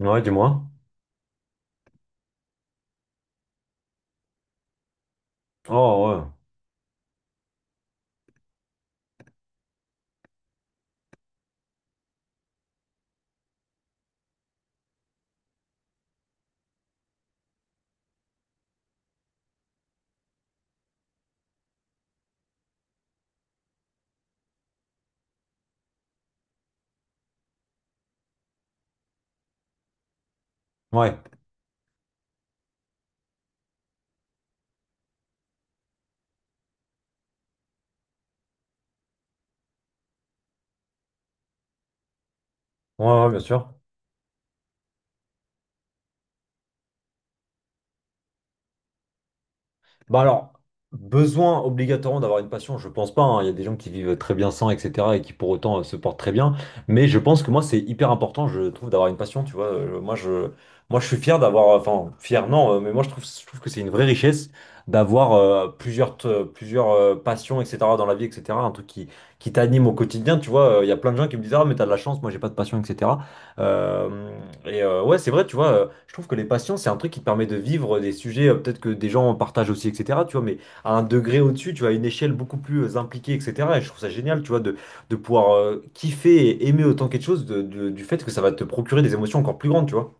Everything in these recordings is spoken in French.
Ouais, dis-moi. Oh, ouais. Ouais. Ouais, ouais, bien sûr. Bah alors, besoin obligatoirement d'avoir une passion, je pense pas. Hein. Il y a des gens qui vivent très bien sans, etc. et qui pour autant se portent très bien. Mais je pense que moi, c'est hyper important, je trouve, d'avoir une passion. Tu vois. Je suis fier d'avoir, enfin, fier, non, mais moi, je trouve que c'est une vraie richesse d'avoir plusieurs passions, etc. dans la vie, etc. Un truc qui t'anime au quotidien. Tu vois. Il y a plein de gens qui me disent, ah, mais t'as de la chance, moi, j'ai pas de passion, etc. Euh, ouais, c'est vrai, tu vois, je trouve que les passions, c'est un truc qui te permet de vivre des sujets, peut-être que des gens partagent aussi, etc. Tu vois, mais à un degré au-dessus, tu vois, à une échelle beaucoup plus impliquée, etc. Et je trouve ça génial, tu vois, de pouvoir kiffer et aimer autant quelque chose du fait que ça va te procurer des émotions encore plus grandes, tu vois.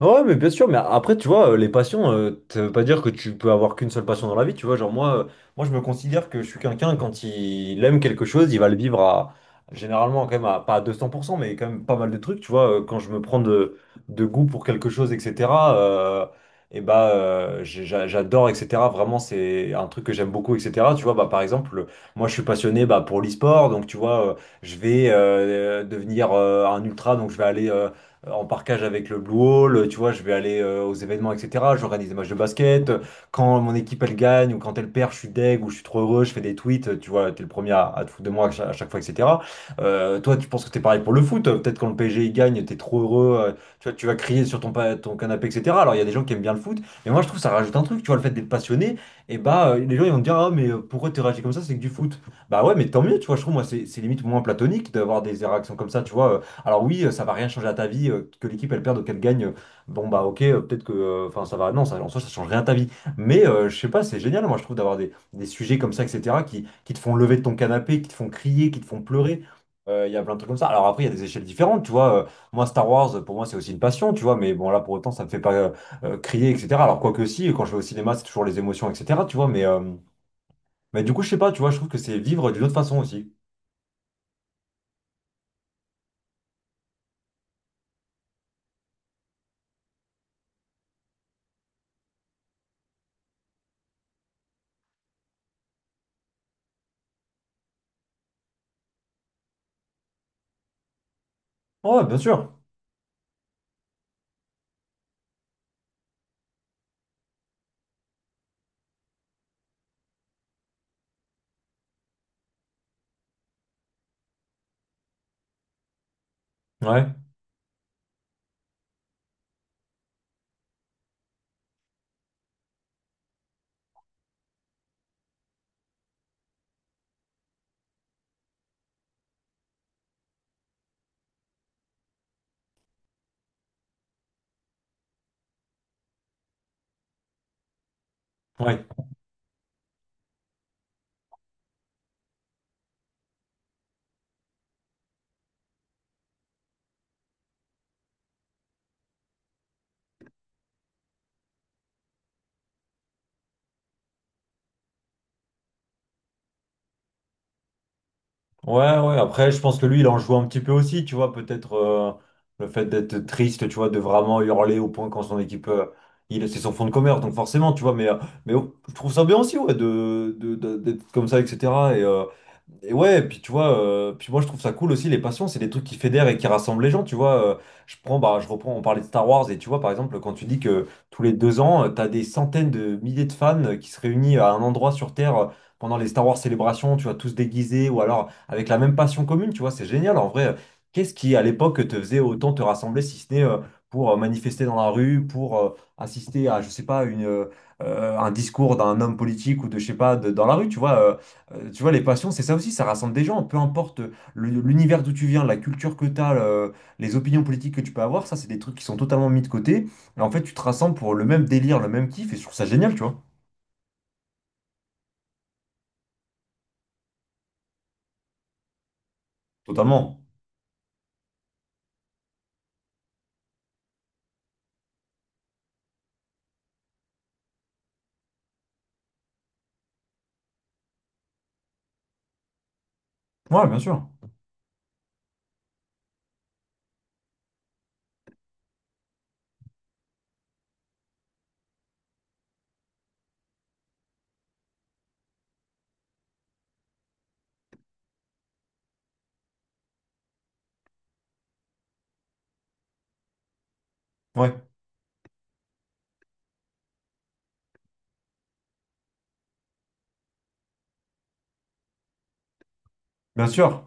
Ouais, mais bien sûr, mais après, tu vois, les passions, ça veut pas dire que tu peux avoir qu'une seule passion dans la vie, tu vois. Genre, moi je me considère que je suis quelqu'un, quand il aime quelque chose, il va le vivre à, généralement, quand même, à, pas à 200%, mais quand même pas mal de trucs, tu vois. Quand je me prends de goût pour quelque chose, etc., euh, j'adore, etc. Vraiment, c'est un truc que j'aime beaucoup, etc. Tu vois, bah, par exemple, moi, je suis passionné bah, pour l'e-sport, donc, tu vois, je vais devenir un ultra, donc je vais aller. En parcage avec le Blue Hall, tu vois, je vais aller aux événements, etc. J'organise des matchs de basket. Quand mon équipe elle gagne ou quand elle perd, je suis deg ou je suis trop heureux, je fais des tweets, tu vois, t'es le premier à te foutre de moi à chaque fois, etc. Toi, tu penses que t'es pareil pour le foot? Peut-être quand le PSG il gagne, t'es trop heureux, tu vois, tu vas crier sur ton canapé, etc. Alors il y a des gens qui aiment bien le foot, mais moi je trouve que ça rajoute un truc, tu vois, le fait d'être passionné, et bah les gens ils vont te dire, ah mais pourquoi t'es réagi comme ça, c'est que du foot. Bah ouais, mais tant mieux, tu vois, je trouve moi c'est limite moins platonique d'avoir des réactions comme ça, tu vois. Alors oui, ça va rien changer à ta vie, que l'équipe elle perde ou qu'elle gagne. Bon bah ok, peut-être que, enfin ça va, non, ça, en soi ça change rien à ta vie. Mais je sais pas, c'est génial, moi je trouve d'avoir des sujets comme ça, etc. Qui te font lever de ton canapé, qui te font crier, qui te font pleurer. Il y a plein de trucs comme ça. Alors après, il y a des échelles différentes, tu vois. Moi, Star Wars, pour moi, c'est aussi une passion, tu vois. Mais bon, là, pour autant, ça me fait pas crier, etc. Alors quoique si, quand je vais au cinéma, c'est toujours les émotions, etc. Tu vois. Mais du coup, je sais pas, tu vois, je trouve que c'est vivre d'une autre façon aussi. Ouais, bien sûr. Ouais, ouais. Ouais, ouais, après, je pense que lui, il en joue un petit peu aussi, tu vois, peut-être le fait d'être triste, tu vois, de vraiment hurler au point quand son équipe, il, c'est son fond de commerce, donc forcément, tu vois, mais, mais euh, je trouve ça bien aussi, ouais, de, d'être comme ça, etc. Et, euh, et ouais, puis tu vois, puis moi je trouve ça cool aussi, les passions, c'est des trucs qui fédèrent et qui rassemblent les gens, tu vois. Je prends, bah, je reprends, on parlait de Star Wars, et tu vois, par exemple, quand tu dis que tous les 2 ans, t'as des centaines de milliers de fans qui se réunissent à un endroit sur Terre pendant les Star Wars célébrations, tu vois, tous déguisés, ou alors avec la même passion commune, tu vois, c'est génial. En vrai, qu'est-ce qui, à l'époque, te faisait autant te rassembler, si ce n'est pour manifester dans la rue, pour assister à, je sais pas, un discours d'un homme politique ou de, je sais pas, dans la rue, tu vois. Les passions, c'est ça aussi, ça rassemble des gens, peu importe l'univers d'où tu viens, la culture que tu as, les opinions politiques que tu peux avoir, ça, c'est des trucs qui sont totalement mis de côté. Et en fait, tu te rassembles pour le même délire, le même kiff, et je trouve ça génial, tu vois. Totalement. Ouais, bien sûr. Ouais, bien sûr.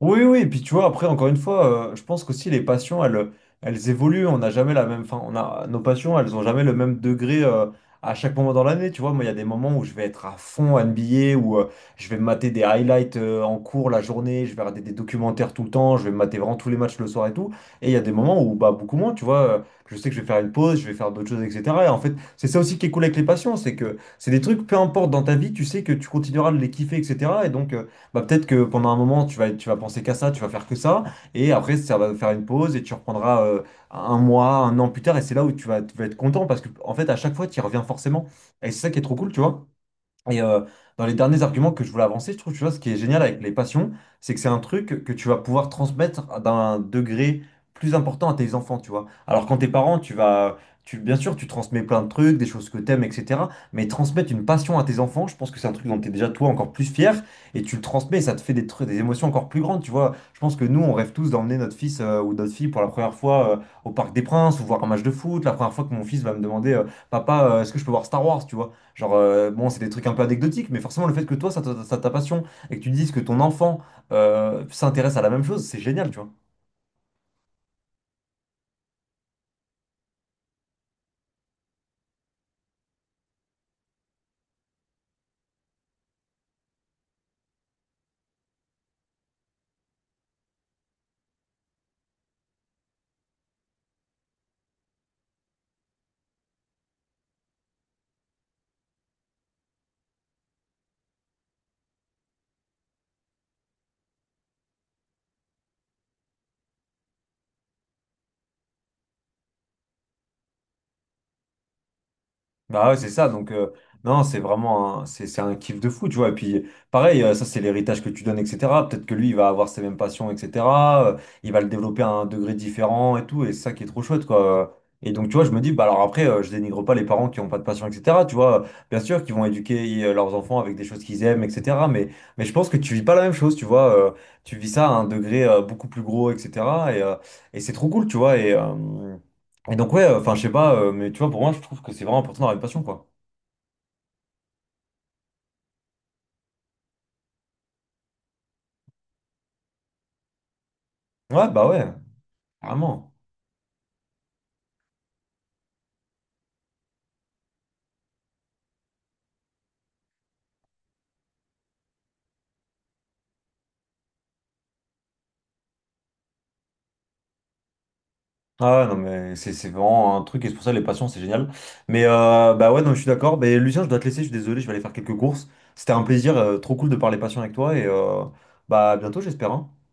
Oui, oui, et puis tu vois, après, encore une fois, je pense qu'aussi les passions, elles évoluent, on n'a jamais la même, enfin, on a, nos passions, elles n'ont jamais le même degré à chaque moment dans l'année, tu vois, moi, il y a des moments où je vais être à fond NBA, où je vais me mater des highlights en cours la journée, je vais regarder des documentaires tout le temps, je vais me mater vraiment tous les matchs le soir et tout, et il y a des moments où, bah, beaucoup moins, tu vois, je sais que je vais faire une pause, je vais faire d'autres choses, etc. Et en fait, c'est ça aussi qui est cool avec les passions, c'est que c'est des trucs, peu importe dans ta vie, tu sais que tu continueras de les kiffer, etc. Bah peut-être que pendant un moment, tu vas penser qu'à ça, tu vas faire que ça, et après, ça va faire une pause, et tu reprendras un mois, un an plus tard, et c'est là où tu vas être content, parce que, en fait, à chaque fois, tu y reviens forcément. Et c'est ça qui est trop cool, tu vois. Et dans les derniers arguments que je voulais avancer, je trouve, tu vois, ce qui est génial avec les passions, c'est que c'est un truc que tu vas pouvoir transmettre d'un degré plus important à tes enfants, tu vois. Alors quand tes parents, tu vas, tu, bien sûr, tu transmets plein de trucs, des choses que t'aimes, etc. Mais transmettre une passion à tes enfants, je pense que c'est un truc dont t'es déjà toi encore plus fier et tu le transmets, et ça te fait des trucs, des émotions encore plus grandes, tu vois. Je pense que nous, on rêve tous d'emmener notre fils ou notre fille pour la première fois au Parc des Princes ou voir un match de foot, la première fois que mon fils va me demander, Papa, est-ce que je peux voir Star Wars, tu vois. Genre, bon, c'est des trucs un peu anecdotiques, mais forcément, le fait que toi, ça, t'a passion, et que tu dises que ton enfant s'intéresse à la même chose, c'est génial, tu vois. Bah ouais, c'est ça. Donc, non, c'est vraiment un, c'est un kiff de fou, tu vois. Et puis, pareil, ça, c'est l'héritage que tu donnes, etc. Peut-être que lui, il va avoir ses mêmes passions, etc. euh, il va le développer à un degré différent et tout. Et c'est ça qui est trop chouette, quoi. Et donc, tu vois, je me dis, bah alors après, je dénigre pas les parents qui ont pas de passion, etc. Tu vois, bien sûr qu'ils vont éduquer leurs enfants avec des choses qu'ils aiment, etc. Mais je pense que tu vis pas la même chose, tu vois. Tu vis ça à un degré beaucoup plus gros, etc. Et, euh, et c'est trop cool, tu vois. Et donc, ouais, enfin, je sais pas, mais tu vois, pour moi, je trouve que c'est vraiment important d'avoir une passion, quoi. Ouais, bah ouais, vraiment. Ah ouais, non, mais c'est vraiment un truc, et c'est pour ça les passions, c'est génial. Mais bah ouais, non, je suis d'accord. Mais Lucien, je dois te laisser, je suis désolé, je vais aller faire quelques courses. C'était un plaisir, trop cool de parler passion avec toi, et bah à bientôt, j'espère. Hein.